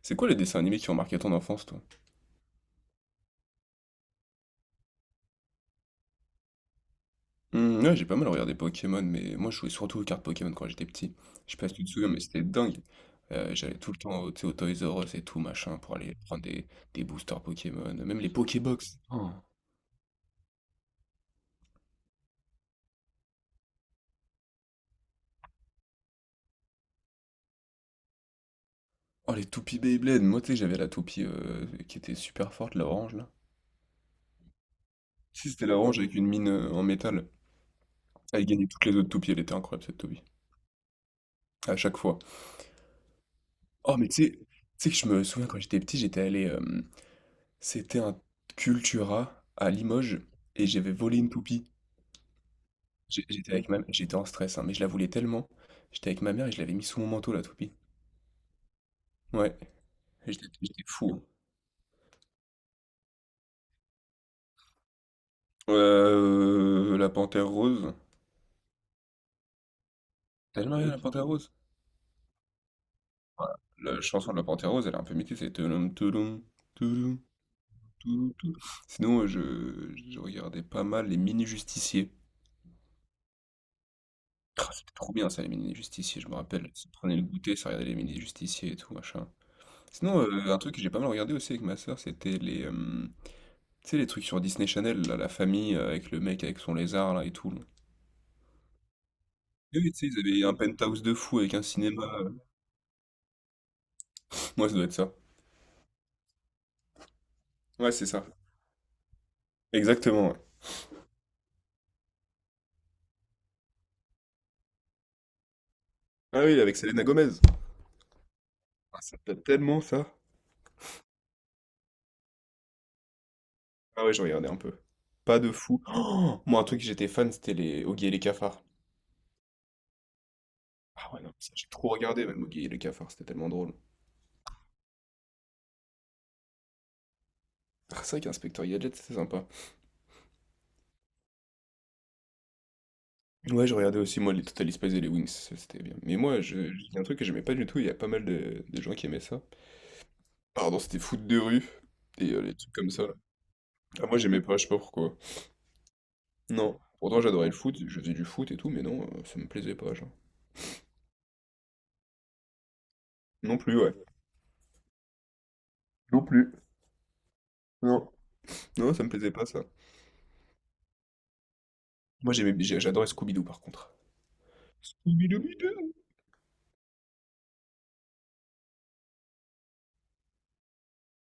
C'est quoi les dessins animés qui ont marqué ton enfance, toi? Mmh, ouais, j'ai pas mal regardé Pokémon, mais moi je jouais surtout aux cartes Pokémon quand j'étais petit. Je sais pas si tu te souviens, mais c'était dingue. J'allais tout le temps au, tu sais, au Toys R Us et tout, machin, pour aller prendre des boosters Pokémon, même les Pokébox. Oh, oh, les toupies Beyblade. Moi, tu sais, j'avais la toupie qui était super forte, la orange, là. Si, c'était la orange avec une mine en métal. Elle gagnait toutes les autres toupies, elle était incroyable, cette toupie. À chaque fois. Oh, mais tu sais que je me souviens quand j'étais petit, j'étais allé, c'était un Cultura à Limoges et j'avais volé une toupie. J'étais avec ma... J'étais en stress, hein, mais je la voulais tellement. J'étais avec ma mère et je l'avais mis sous mon manteau, la toupie. Ouais, j'étais fou. Hein. La Panthère Rose. T'as jamais regardé la Panthère Rose? La chanson de la Panthère Rose, elle est un peu mythique, c'est Touloum, touloum, touloum, touloum, touloum. Sinon, je regardais pas mal les Mini-Justiciers. Ah, c'était trop bien ça, les Mini-Justiciers, je me rappelle. Ça prenait le goûter, ça regardait les Mini-Justiciers et tout, machin. Sinon, un truc que j'ai pas mal regardé aussi avec ma sœur, c'était les, tu sais, les trucs sur Disney Channel, là, la famille avec le mec avec son lézard là et tout. Là. Et oui, tu sais, ils avaient un penthouse de fou avec un cinéma. Moi, ça doit être ça. Ouais, c'est ça. Exactement, ouais. Ah oui, avec Selena Gomez. Ah, ça me plaît tellement ça. Ah ouais, je regardais un peu. Pas de fou. Oh moi, un truc que j'étais fan, c'était les Oggy et les cafards. Ah ouais, non, ça j'ai trop regardé même Oggy et les cafards, c'était tellement drôle. Ah, c'est vrai qu'Inspecteur Gadget, c'était sympa. Ouais, je regardais aussi, moi, les Total Spies et les Wings, ça, c'était bien. Mais moi, je dis un truc que j'aimais pas du tout, il y a pas mal de gens qui aimaient ça. Pardon, c'était foot de rue, et les trucs comme ça, là. Ah, moi, j'aimais pas, je sais pas pourquoi. Non, pourtant, j'adorais le foot, je faisais du foot et tout, mais non, ça me plaisait pas, genre. Non plus, ouais. Non plus. Non. Non, ça me plaisait pas, ça. Moi, j'adorais Scooby-Doo, par contre. Scooby-Doo, Bidou.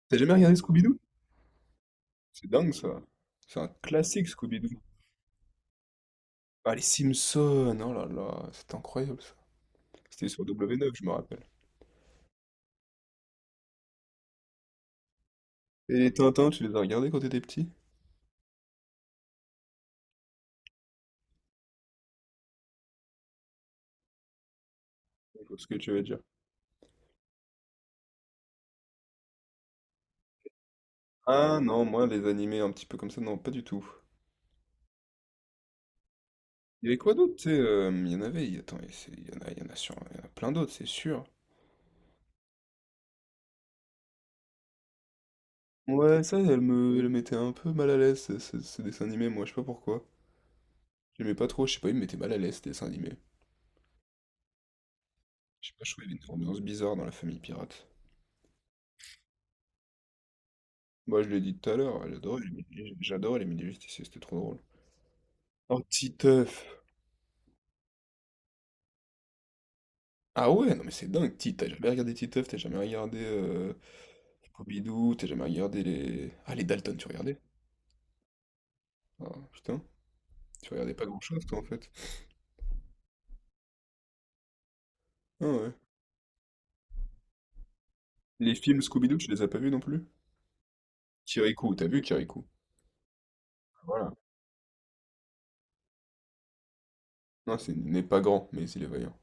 T'as jamais regardé Scooby-Doo? C'est dingue, ça. C'est un classique, Scooby-Doo. Ah, les Simpsons, oh là là, c'était incroyable, ça. C'était sur W9, je me rappelle. Et les Tintins, tu les as regardés quand t'étais petit? Je ce que tu veux dire. Ah non, moi, les animés un petit peu comme ça, non, pas du tout. Il y avait quoi d'autre, tu sais, il y en avait, il- attends, il y c'est- il y en a, il y en a sur, il y en a plein d'autres, c'est sûr. Ouais, ça, elle mettait un peu mal à l'aise, ce dessin animé, moi, je sais pas pourquoi. J'aimais pas trop, je sais pas, il me mettait mal à l'aise, ce dessin animé. Je sais pas, je trouvais une ambiance bizarre dans la famille pirate. Moi, je l'ai dit tout à l'heure, j'adorais les mini-justiciers, c'était trop drôle. Oh, Titeuf! Ah ouais, non mais c'est dingue, t'as jamais regardé Titeuf, t'as jamais regardé Pompidou, t'as jamais regardé les... Ah les Dalton, tu regardais? Ah putain, tu regardais pas grand-chose toi en fait. Ah ouais. Les films Scooby-Doo, tu les as pas vus non plus? Kirikou, t'as vu Kirikou? Voilà. Non, c'est n'est pas grand, mais il est vaillant.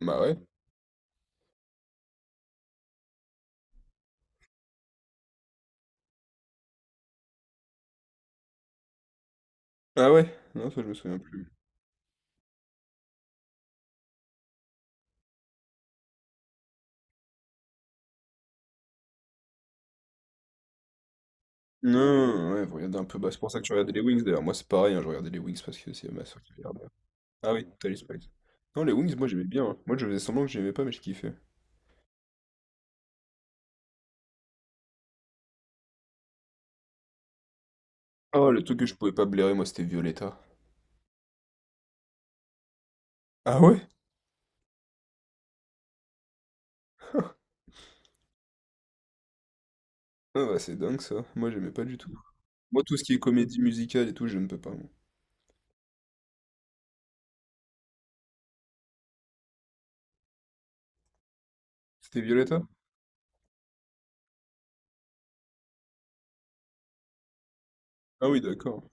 Bah ouais. Ah ouais? Non, ça je me souviens plus. Non, ouais, vous regardez un peu, bah c'est pour ça que tu regardais les Wings d'ailleurs, moi c'est pareil, hein, je regardais les Wings parce que c'est ma soeur qui regardait. Ah oui, Tally Spice. Non, les Wings, moi j'aimais bien, hein. Moi je faisais semblant que j'aimais pas, mais je kiffais. Oh, le truc que je pouvais pas blairer, moi, c'était Violetta. Ah ouais? Ah bah, c'est dingue ça. Moi, j'aimais pas du tout. Moi, tout ce qui est comédie musicale et tout, je ne peux pas. Moi. C'était Violetta? Ah oui, d'accord.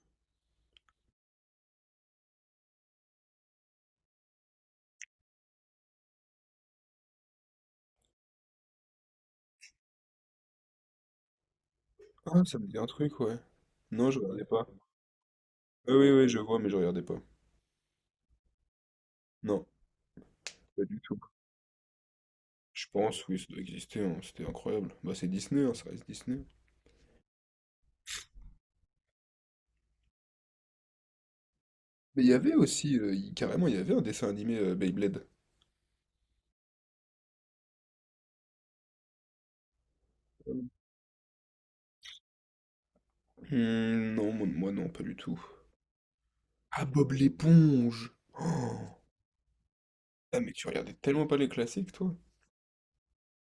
Ah, ça me dit un truc, ouais. Non, je regardais pas. Ah oui, oui, je vois, mais je regardais pas. Non, pas du tout. Je pense, oui, ça doit exister, hein. C'était incroyable. Bah, c'est Disney, hein, ça reste Disney. Mais il y avait aussi, carrément, il y avait un dessin animé Beyblade. Hmm, non, moi, non, pas du tout. Ah, Bob l'éponge! Oh, ah, mais tu regardais tellement pas les classiques, toi.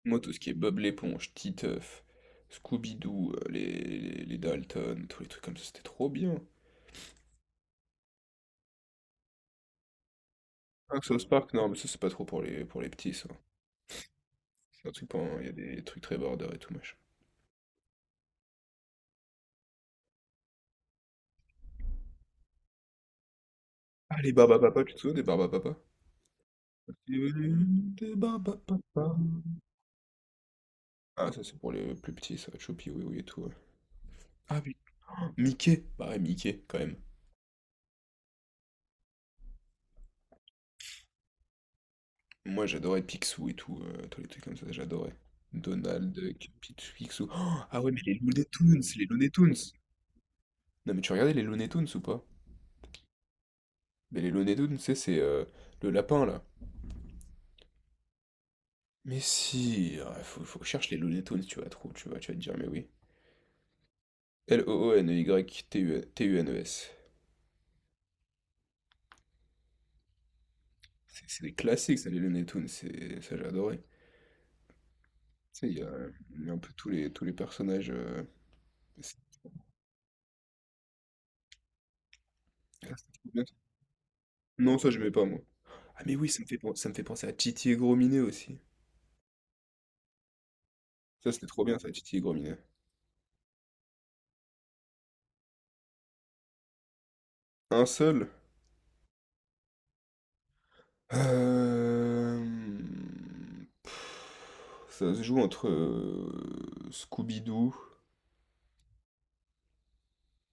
Moi, tout ce qui est Bob l'éponge, Titeuf, Scooby-Doo, les Dalton, tous les trucs comme ça, c'était trop bien. Ah, South Park, non, mais ça, c'est pas trop pour les petits, ça. C'est un truc pour... Il y a des trucs très border et tout, machin. Ah, les Barbapapa, tu te souviens des Barbapapa? Des Barbapapa. Ah, ça, c'est pour les plus petits, ça. Choupi, oui, oui, et tout. Ouais. Ah, putain, Mickey! Bah ouais, Mickey, quand même. Moi, j'adorais Picsou et tout, tous les trucs comme ça, j'adorais. Donald Duck, Picsou. Picsou. Oh, ah ouais, mais les Looney Tunes, les Looney Tunes! Non mais tu regardais les Looney Tunes ou pas? Mais les Looney Tunes, tu sais, c'est le lapin là. Mais si, ah, faut que je cherche les Looney Tunes, tu vas trouver, tu vas te dire, mais oui. L-O-O-N-Y-T-U-N-E-S. C'est des classiques ça, les Looney Tunes, ça j'ai adoré. Tu sais, il y a un peu tous les personnages. C'est- ah, c'était trop bien. Non, ça j'aimais pas moi. Ah mais oui, ça me fait penser à Titi et Gros Minet aussi. Ça c'était trop bien ça, Titi et Gros Minet. Un seul? Hem, ça se joue entre Scooby-Doo,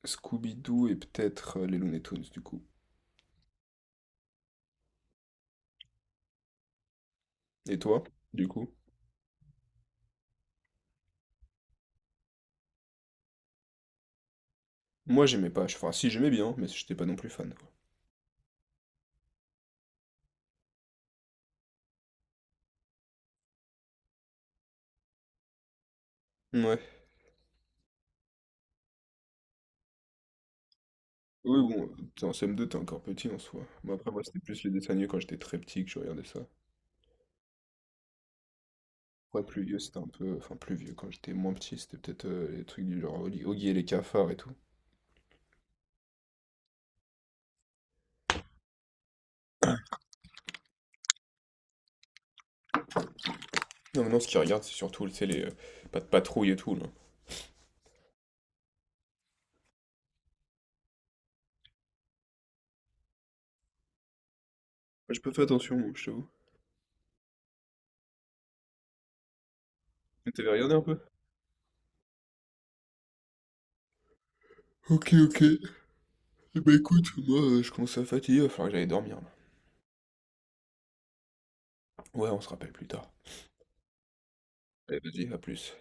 Scooby-Doo et peut-être les Looney Tunes, du coup. Et toi, du coup? Moi, j'aimais pas. Enfin, si, j'aimais bien, mais j'étais pas non plus fan, quoi. Ouais. Oui, bon, t'es en CM2, t'es encore petit en soi. Moi, après, moi, c'était plus les dessins animés quand j'étais très petit que je regardais ça. Après, plus vieux, c'était un peu... Enfin, plus vieux, quand j'étais moins petit, c'était peut-être les trucs du genre Oggy et les cafards et tout. Non, maintenant, ce qu'ils regardent, c'est surtout, tu sais, les... pas de patrouille et tout, là. Je peux faire attention, moi, je t'avoue. T'avais regardé un peu? Ok, ok. Eh ben écoute, moi je commence à fatiguer, il va falloir que j'aille dormir. Là. Ouais, on se rappelle plus tard. Allez, vas-y, à plus.